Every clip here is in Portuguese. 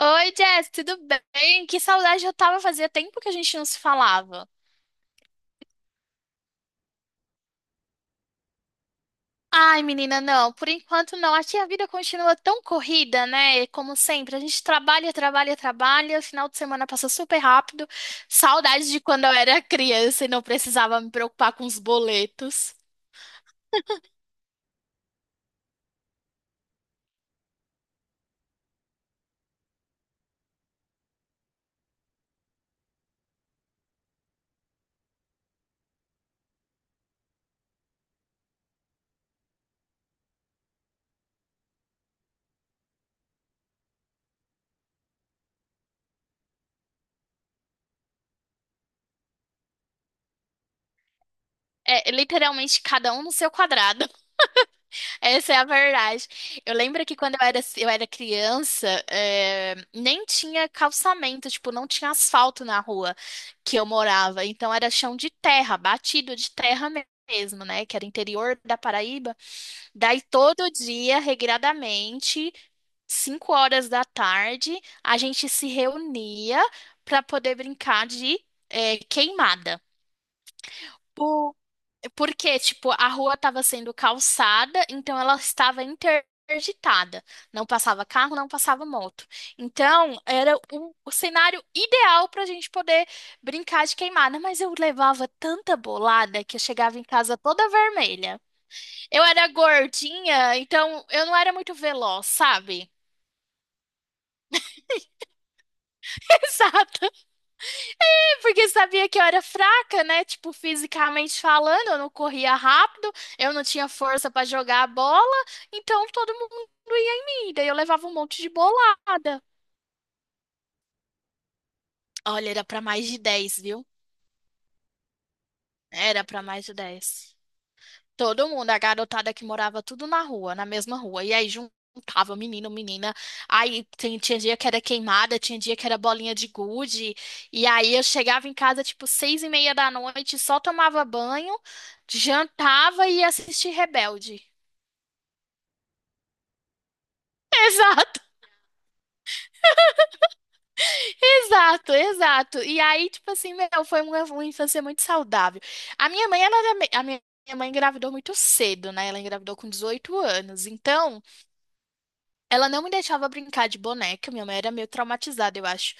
Oi, Jess, tudo bem? Que saudade eu tava, fazia tempo que a gente não se falava. Ai, menina, não, por enquanto não. Aqui a vida continua tão corrida, né? Como sempre, a gente trabalha, trabalha, trabalha, o final de semana passa super rápido. Saudades de quando eu era criança e não precisava me preocupar com os boletos. É, literalmente cada um no seu quadrado. Essa é a verdade. Eu lembro que quando eu era criança, nem tinha calçamento, tipo, não tinha asfalto na rua que eu morava. Então era chão de terra, batido de terra mesmo, né? Que era interior da Paraíba. Daí todo dia, regradamente, 5 horas da tarde, a gente se reunia para poder brincar de queimada. Porque, tipo, a rua estava sendo calçada, então ela estava interditada. Não passava carro, não passava moto. Então, era o cenário ideal para a gente poder brincar de queimada. Mas eu levava tanta bolada que eu chegava em casa toda vermelha. Eu era gordinha, então eu não era muito veloz, sabe? Sabe? Porque sabia que eu era fraca, né? Tipo, fisicamente falando, eu não corria rápido, eu não tinha força pra jogar a bola, então todo mundo ia em mim. Daí eu levava um monte de bolada. Olha, era pra mais de 10, viu? Era pra mais de 10. Todo mundo, a garotada que morava tudo na rua, na mesma rua. E aí juntava menino, menina. Aí tinha dia que era queimada, tinha dia que era bolinha de gude. E aí eu chegava em casa tipo 6:30 da noite, só tomava banho, jantava e ia assistir Rebelde. Exato, exato, exato. E aí, tipo assim, meu, foi uma infância muito saudável. A minha mãe, ela, a minha mãe engravidou muito cedo, né? Ela engravidou com 18 anos. Então, ela não me deixava brincar de boneca, minha mãe era meio traumatizada, eu acho.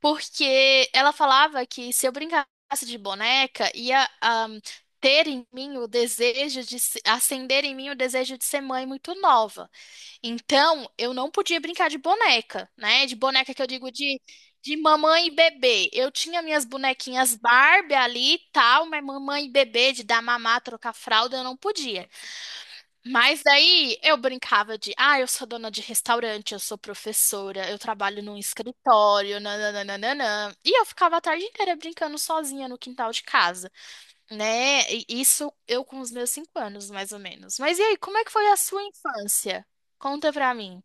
Porque ela falava que se eu brincasse de boneca, ia ter em mim o desejo de se- acender em mim o desejo de ser mãe muito nova. Então, eu não podia brincar de boneca, né? De boneca que eu digo de mamãe e bebê. Eu tinha minhas bonequinhas Barbie ali e tal, mas mamãe e bebê, de dar mamar, trocar fralda, eu não podia. Mas daí eu brincava de, ah, eu sou dona de restaurante, eu sou professora, eu trabalho num escritório, nananana. E eu ficava a tarde inteira brincando sozinha no quintal de casa, né? E isso eu com os meus 5 anos, mais ou menos. Mas e aí, como é que foi a sua infância? Conta pra mim.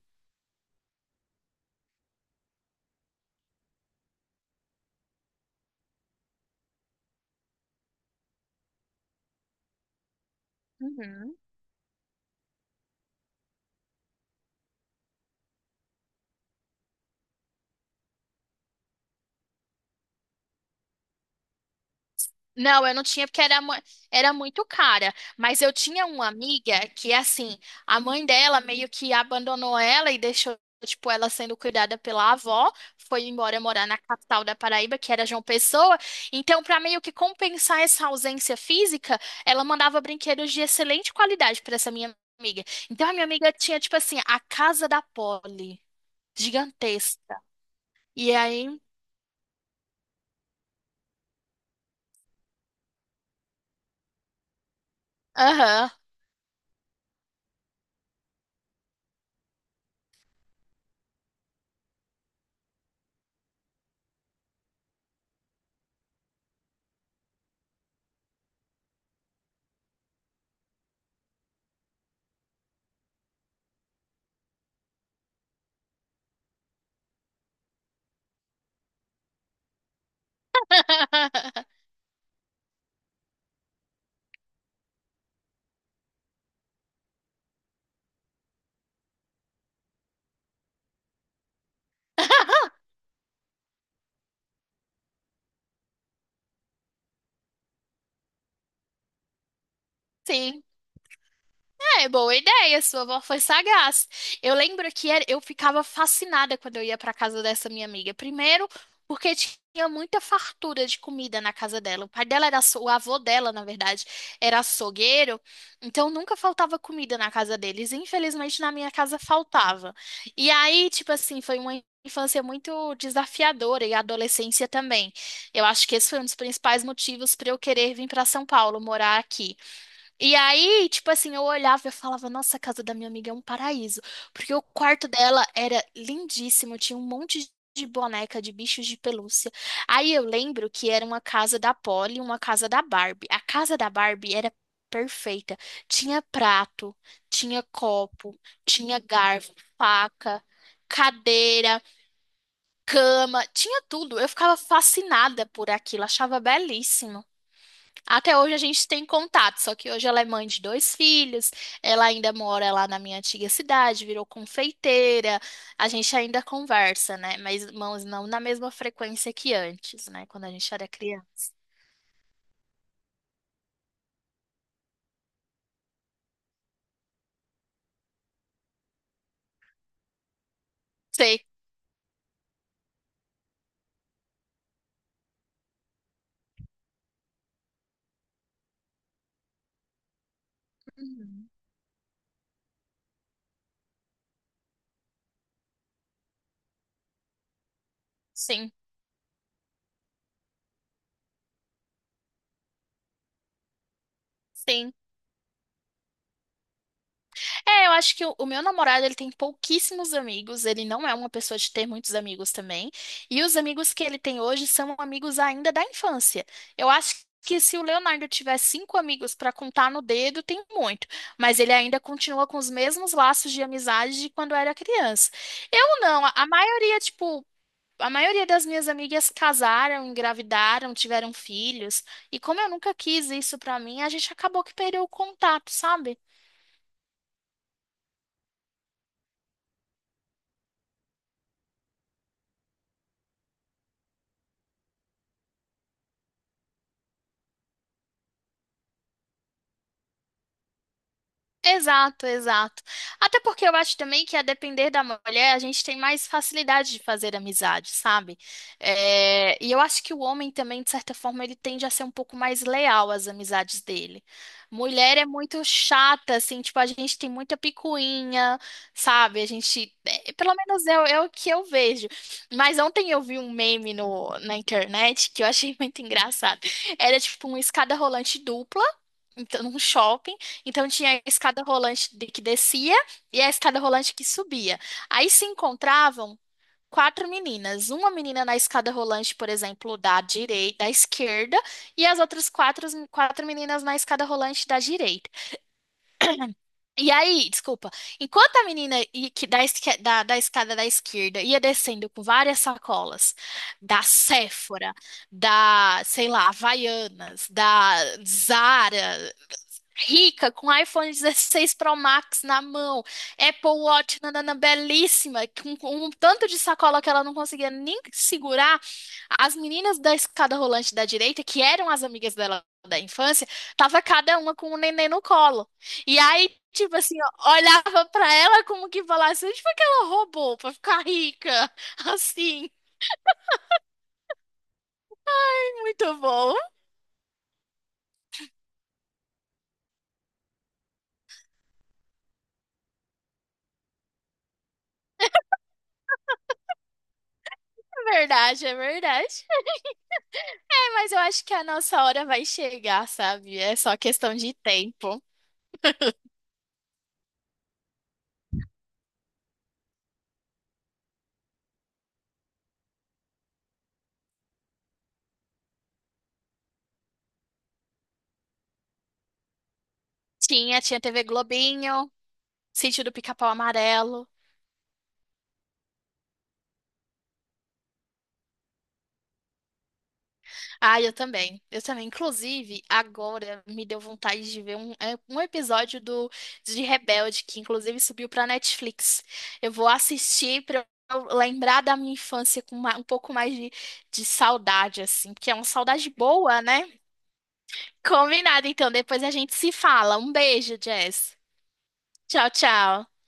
Uhum. Não, eu não tinha porque era muito cara. Mas eu tinha uma amiga que, assim, a mãe dela meio que abandonou ela e deixou, tipo, ela sendo cuidada pela avó. Foi embora morar na capital da Paraíba, que era João Pessoa. Então, para meio que compensar essa ausência física, ela mandava brinquedos de excelente qualidade para essa minha amiga. Então, a minha amiga tinha, tipo assim, a casa da Polly, gigantesca. E aí. Aham. Sim. É, boa ideia, sua avó foi sagaz. Eu lembro que era- eu ficava fascinada quando eu ia para casa dessa minha amiga. Primeiro, porque tinha muita fartura de comida na casa dela. O pai dela o avô dela, na verdade, era açougueiro, então nunca faltava comida na casa deles. Infelizmente, na minha casa faltava. E aí, tipo assim, foi uma infância muito desafiadora e a adolescência também. Eu acho que esse foi um dos principais motivos para eu querer vir para São Paulo, morar aqui. E aí, tipo assim, eu olhava e eu falava, nossa, a casa da minha amiga é um paraíso. Porque o quarto dela era lindíssimo, tinha um monte de boneca de bichos de pelúcia. Aí eu lembro que era uma casa da Polly e uma casa da Barbie. A casa da Barbie era perfeita. Tinha prato, tinha copo, tinha garfo, faca, cadeira, cama, tinha tudo. Eu ficava fascinada por aquilo, achava belíssimo. Até hoje a gente tem contato, só que hoje ela é mãe de dois filhos, ela ainda mora lá na minha antiga cidade, virou confeiteira, a gente ainda conversa, né? Mas mãos não na mesma frequência que antes, né? Quando a gente era criança. Sei. Uhum. Sim, sim. É, eu acho que o meu namorado, ele tem pouquíssimos amigos, ele não é uma pessoa de ter muitos amigos também, e os amigos que ele tem hoje são amigos ainda da infância. Eu acho que se o Leonardo tiver cinco amigos para contar no dedo, tem muito, mas ele ainda continua com os mesmos laços de amizade de quando era criança. Eu não, a maioria, tipo, a maioria das minhas amigas casaram, engravidaram, tiveram filhos, e como eu nunca quis isso pra mim, a gente acabou que perdeu o contato, sabe? Exato, exato. Até porque eu acho também que, a depender da mulher, a gente tem mais facilidade de fazer amizade, sabe? É, e eu acho que o homem também, de certa forma, ele tende a ser um pouco mais leal às amizades dele. Mulher é muito chata, assim, tipo, a gente tem muita picuinha, sabe? A gente. É, pelo menos é, é o que eu vejo. Mas ontem eu vi um meme no, na internet que eu achei muito engraçado. Era tipo uma escada rolante dupla então, num shopping. Então tinha a escada rolante que descia e a escada rolante que subia. Aí se encontravam quatro meninas, uma menina na escada rolante, por exemplo, da direita, da esquerda, e as outras quatro, quatro meninas na escada rolante da direita. E aí, desculpa, enquanto a menina i- que da, esque- da, da escada da esquerda ia descendo com várias sacolas da Sephora, da, sei lá, Havaianas, da Zara rica, com iPhone 16 Pro Max na mão, Apple Watch, nanana, belíssima, com um tanto de sacola que ela não conseguia nem segurar, as meninas da escada rolante da direita, que eram as amigas dela da infância, tava cada uma com um neném no colo. E aí, tipo assim, ó, olhava pra ela como que falasse, onde foi que ela roubou pra ficar rica? Assim, muito bom. É verdade, é verdade. É, mas eu acho que a nossa hora vai chegar, sabe? É só questão de tempo. Tinha, tinha TV Globinho, Sítio do Pica-Pau Amarelo. Ah, eu também. Eu também. Inclusive, agora me deu vontade de ver um, é, um episódio do de Rebelde, que inclusive subiu pra Netflix. Eu vou assistir pra eu lembrar da minha infância com um pouco mais de saudade, assim, porque é uma saudade boa, né? Combinado, então. Depois a gente se fala. Um beijo, Jess. Tchau, tchau.